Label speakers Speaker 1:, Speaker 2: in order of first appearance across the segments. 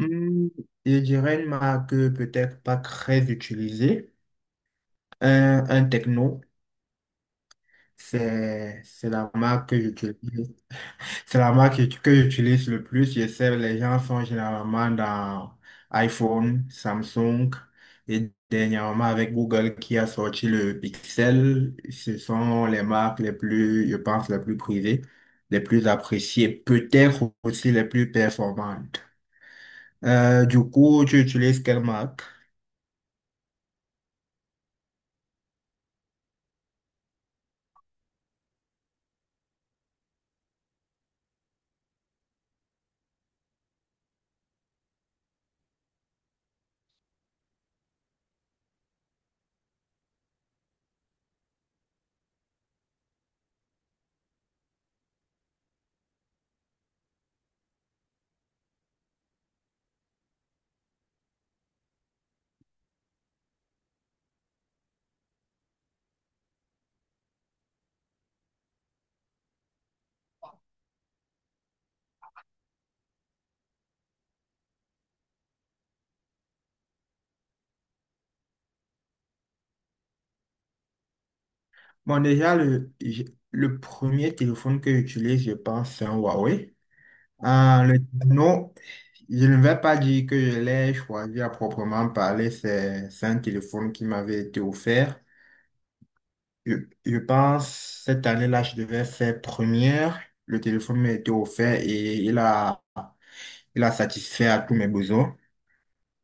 Speaker 1: Hmm, je dirais une marque peut-être pas très utilisée. Un techno, c'est la marque que j'utilise. C'est la marque que j'utilise le plus. Je sais, les gens sont généralement dans iPhone, Samsung et dernièrement avec Google qui a sorti le Pixel. Ce sont les marques les plus, je pense, les plus prisées, les plus appréciées, peut-être aussi les plus performantes. Du coup, tu utilises quelle marque? Bon, déjà, le premier téléphone que j'utilise, je pense, c'est un Huawei. Le non, Je ne vais pas dire que je l'ai choisi à proprement parler. C'est un téléphone qui m'avait été offert. Je, je pense, cette année-là, je devais faire première. Le téléphone m'a été offert et il a satisfait à tous mes besoins.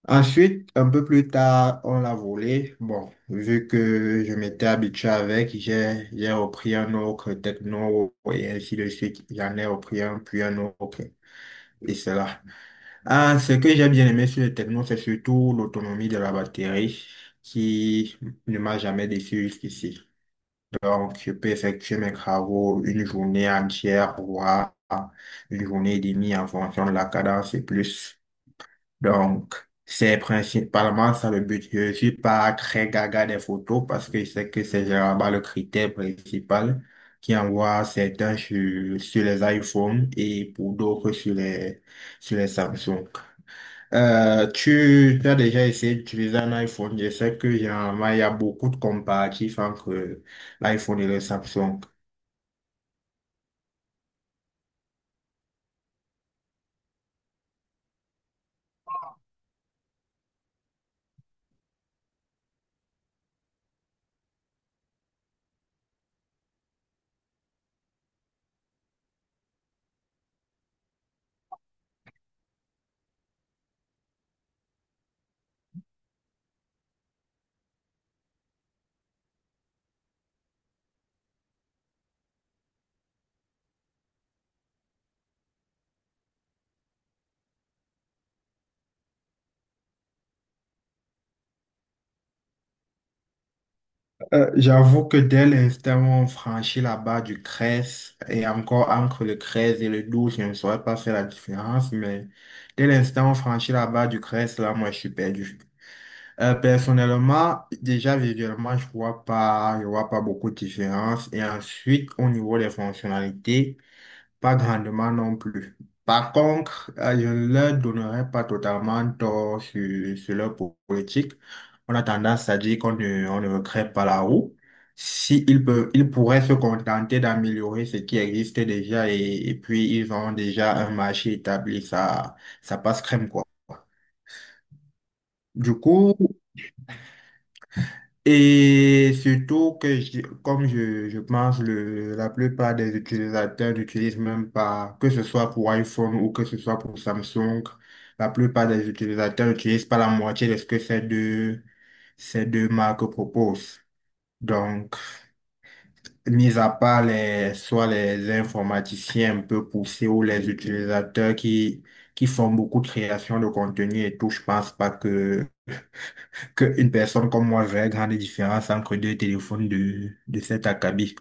Speaker 1: Ensuite, un peu plus tard, on l'a volé. Bon, vu que je m'étais habitué avec, j'ai repris un autre techno et ainsi de suite. J'en ai repris un, puis un autre. Et cela. Ah, ce que j'ai bien aimé sur le techno, c'est surtout l'autonomie de la batterie qui ne m'a jamais déçu jusqu'ici. Donc, je peux effectuer mes travaux une journée entière, voire une journée et demie en fonction de la cadence et plus. Donc, c'est principalement ça le but. Je suis pas très gaga des photos parce que je sais que c'est généralement le critère principal qui envoie certains sur les iPhones et pour d'autres sur les Samsung. Tu as déjà essayé d'utiliser un iPhone. Je sais que généralement, il y a beaucoup de comparatifs entre l'iPhone et le Samsung. J'avoue que dès l'instant où on franchit la barre du 13 et encore entre le 13 et le 12, je ne saurais pas faire la différence, mais dès l'instant où on franchit la barre du 13, là, moi, je suis perdu. Personnellement, déjà visuellement, je vois pas beaucoup de différence. Et ensuite, au niveau des fonctionnalités, pas grandement non plus. Par contre, je ne leur donnerai pas totalement tort sur politique. On a tendance à dire qu'on ne, on ne recrée pas la roue. Si ils peuvent, ils pourraient se contenter d'améliorer ce qui existe déjà et puis ils ont déjà un marché établi, ça passe crème, quoi. Du coup, Et surtout que, je pense, la plupart des utilisateurs n'utilisent même pas, que ce soit pour iPhone ou que ce soit pour Samsung, la plupart des utilisateurs n'utilisent pas la moitié de ce que ces deux marques proposent. Donc, mis à part soit les informaticiens un peu poussés ou les utilisateurs qui font beaucoup de création de contenu et tout, je pense pas que qu'une personne comme moi verrait grande différence entre deux téléphones de cet acabit.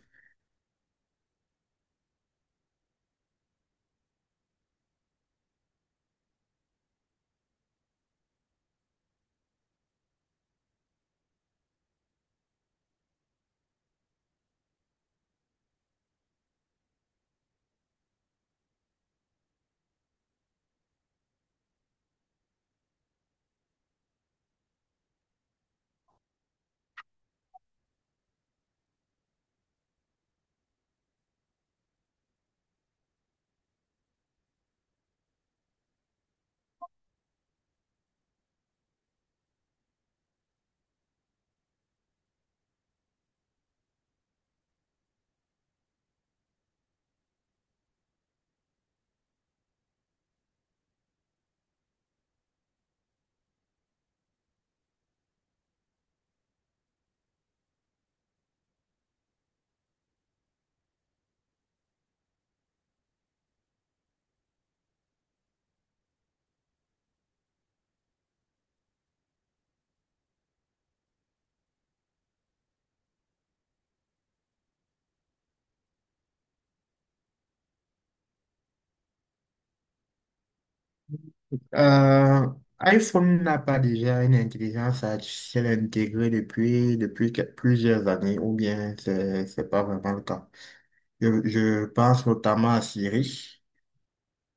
Speaker 1: Euh, iPhone n'a pas déjà une intelligence artificielle intégrée depuis plusieurs années, ou bien c'est pas vraiment le cas. Je pense notamment à Siri,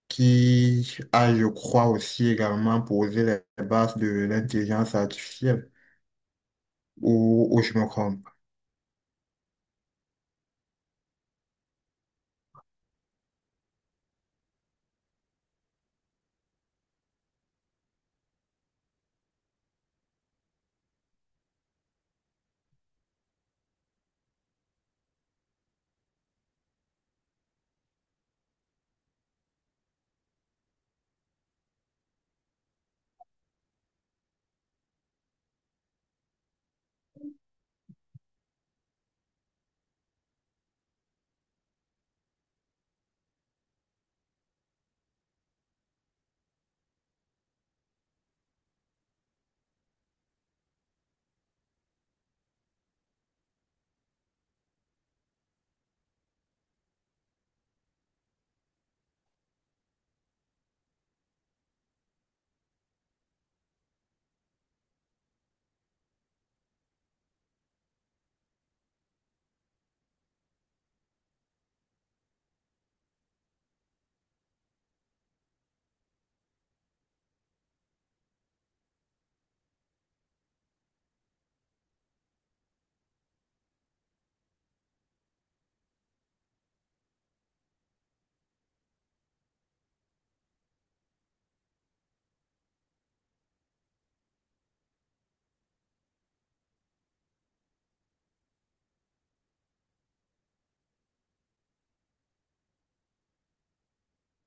Speaker 1: qui a, je crois, aussi également posé les bases de l'intelligence artificielle, ou je me trompe.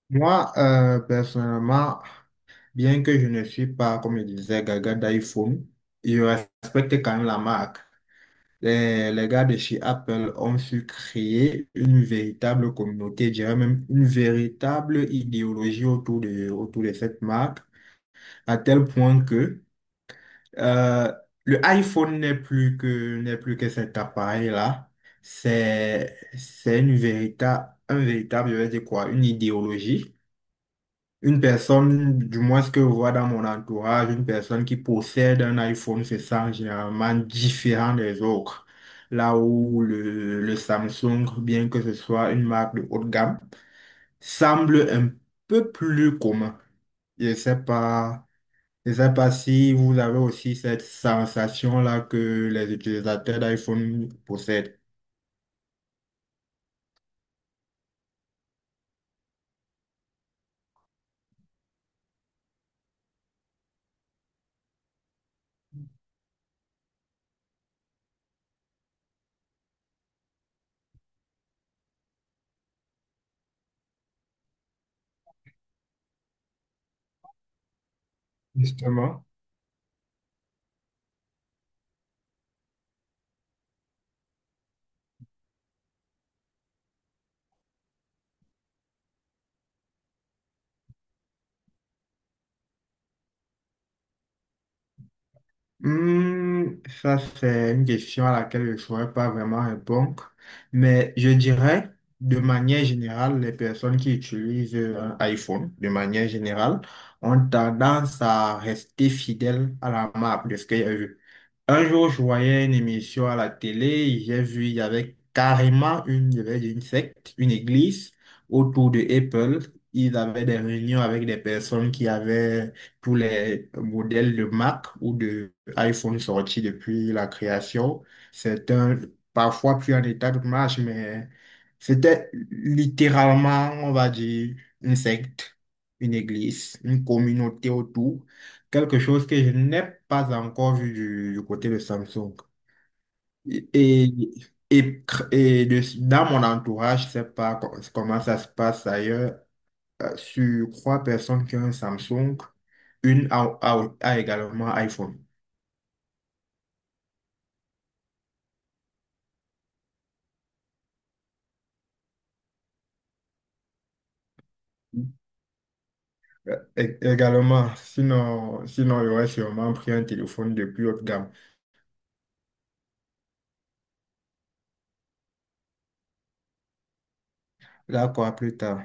Speaker 1: Moi, personnellement, bien que je ne suis pas, comme je disais, gaga d'iPhone, je respecte quand même la marque. Les gars de chez Apple ont su créer une véritable communauté, je dirais même une véritable idéologie autour de cette marque, à tel point que euh, le iPhone n'est plus que cet appareil-là. C'est une véritable, un véritable, je vais dire quoi, une idéologie une personne, du moins ce que je vois dans mon entourage, une personne qui possède un iPhone se sent généralement différent des autres. Là où le Samsung, bien que ce soit une marque de haut de gamme, semble un peu plus commun. Je sais pas, je sais pas si vous avez aussi cette sensation-là que les utilisateurs d'iPhone possèdent. Justement. Hmm, ça, c'est une question à laquelle je ne saurais pas vraiment répondre, mais je dirais, de manière générale, les personnes qui utilisent un iPhone, de manière générale, ont tendance à rester fidèles à la marque de ce qu'il y a eu. Un jour, je voyais une émission à la télé, j'ai vu, il y avait carrément une, je vais dire une secte, une église autour de Apple. Ils avaient des réunions avec des personnes qui avaient tous les modèles de Mac ou de iPhone sorti depuis la création. C'est un, parfois plus en état de marche, mais c'était littéralement, on va dire, une secte, une église, une communauté autour. Quelque chose que je n'ai pas encore vu du côté de Samsung. Et, et, et dans mon entourage, je ne sais pas comment ça se passe ailleurs, sur 3 personnes qui ont un Samsung, une a également iPhone. Également, sinon, j'aurais sûrement pris un téléphone de plus haute gamme. Là, quoi, plus tard.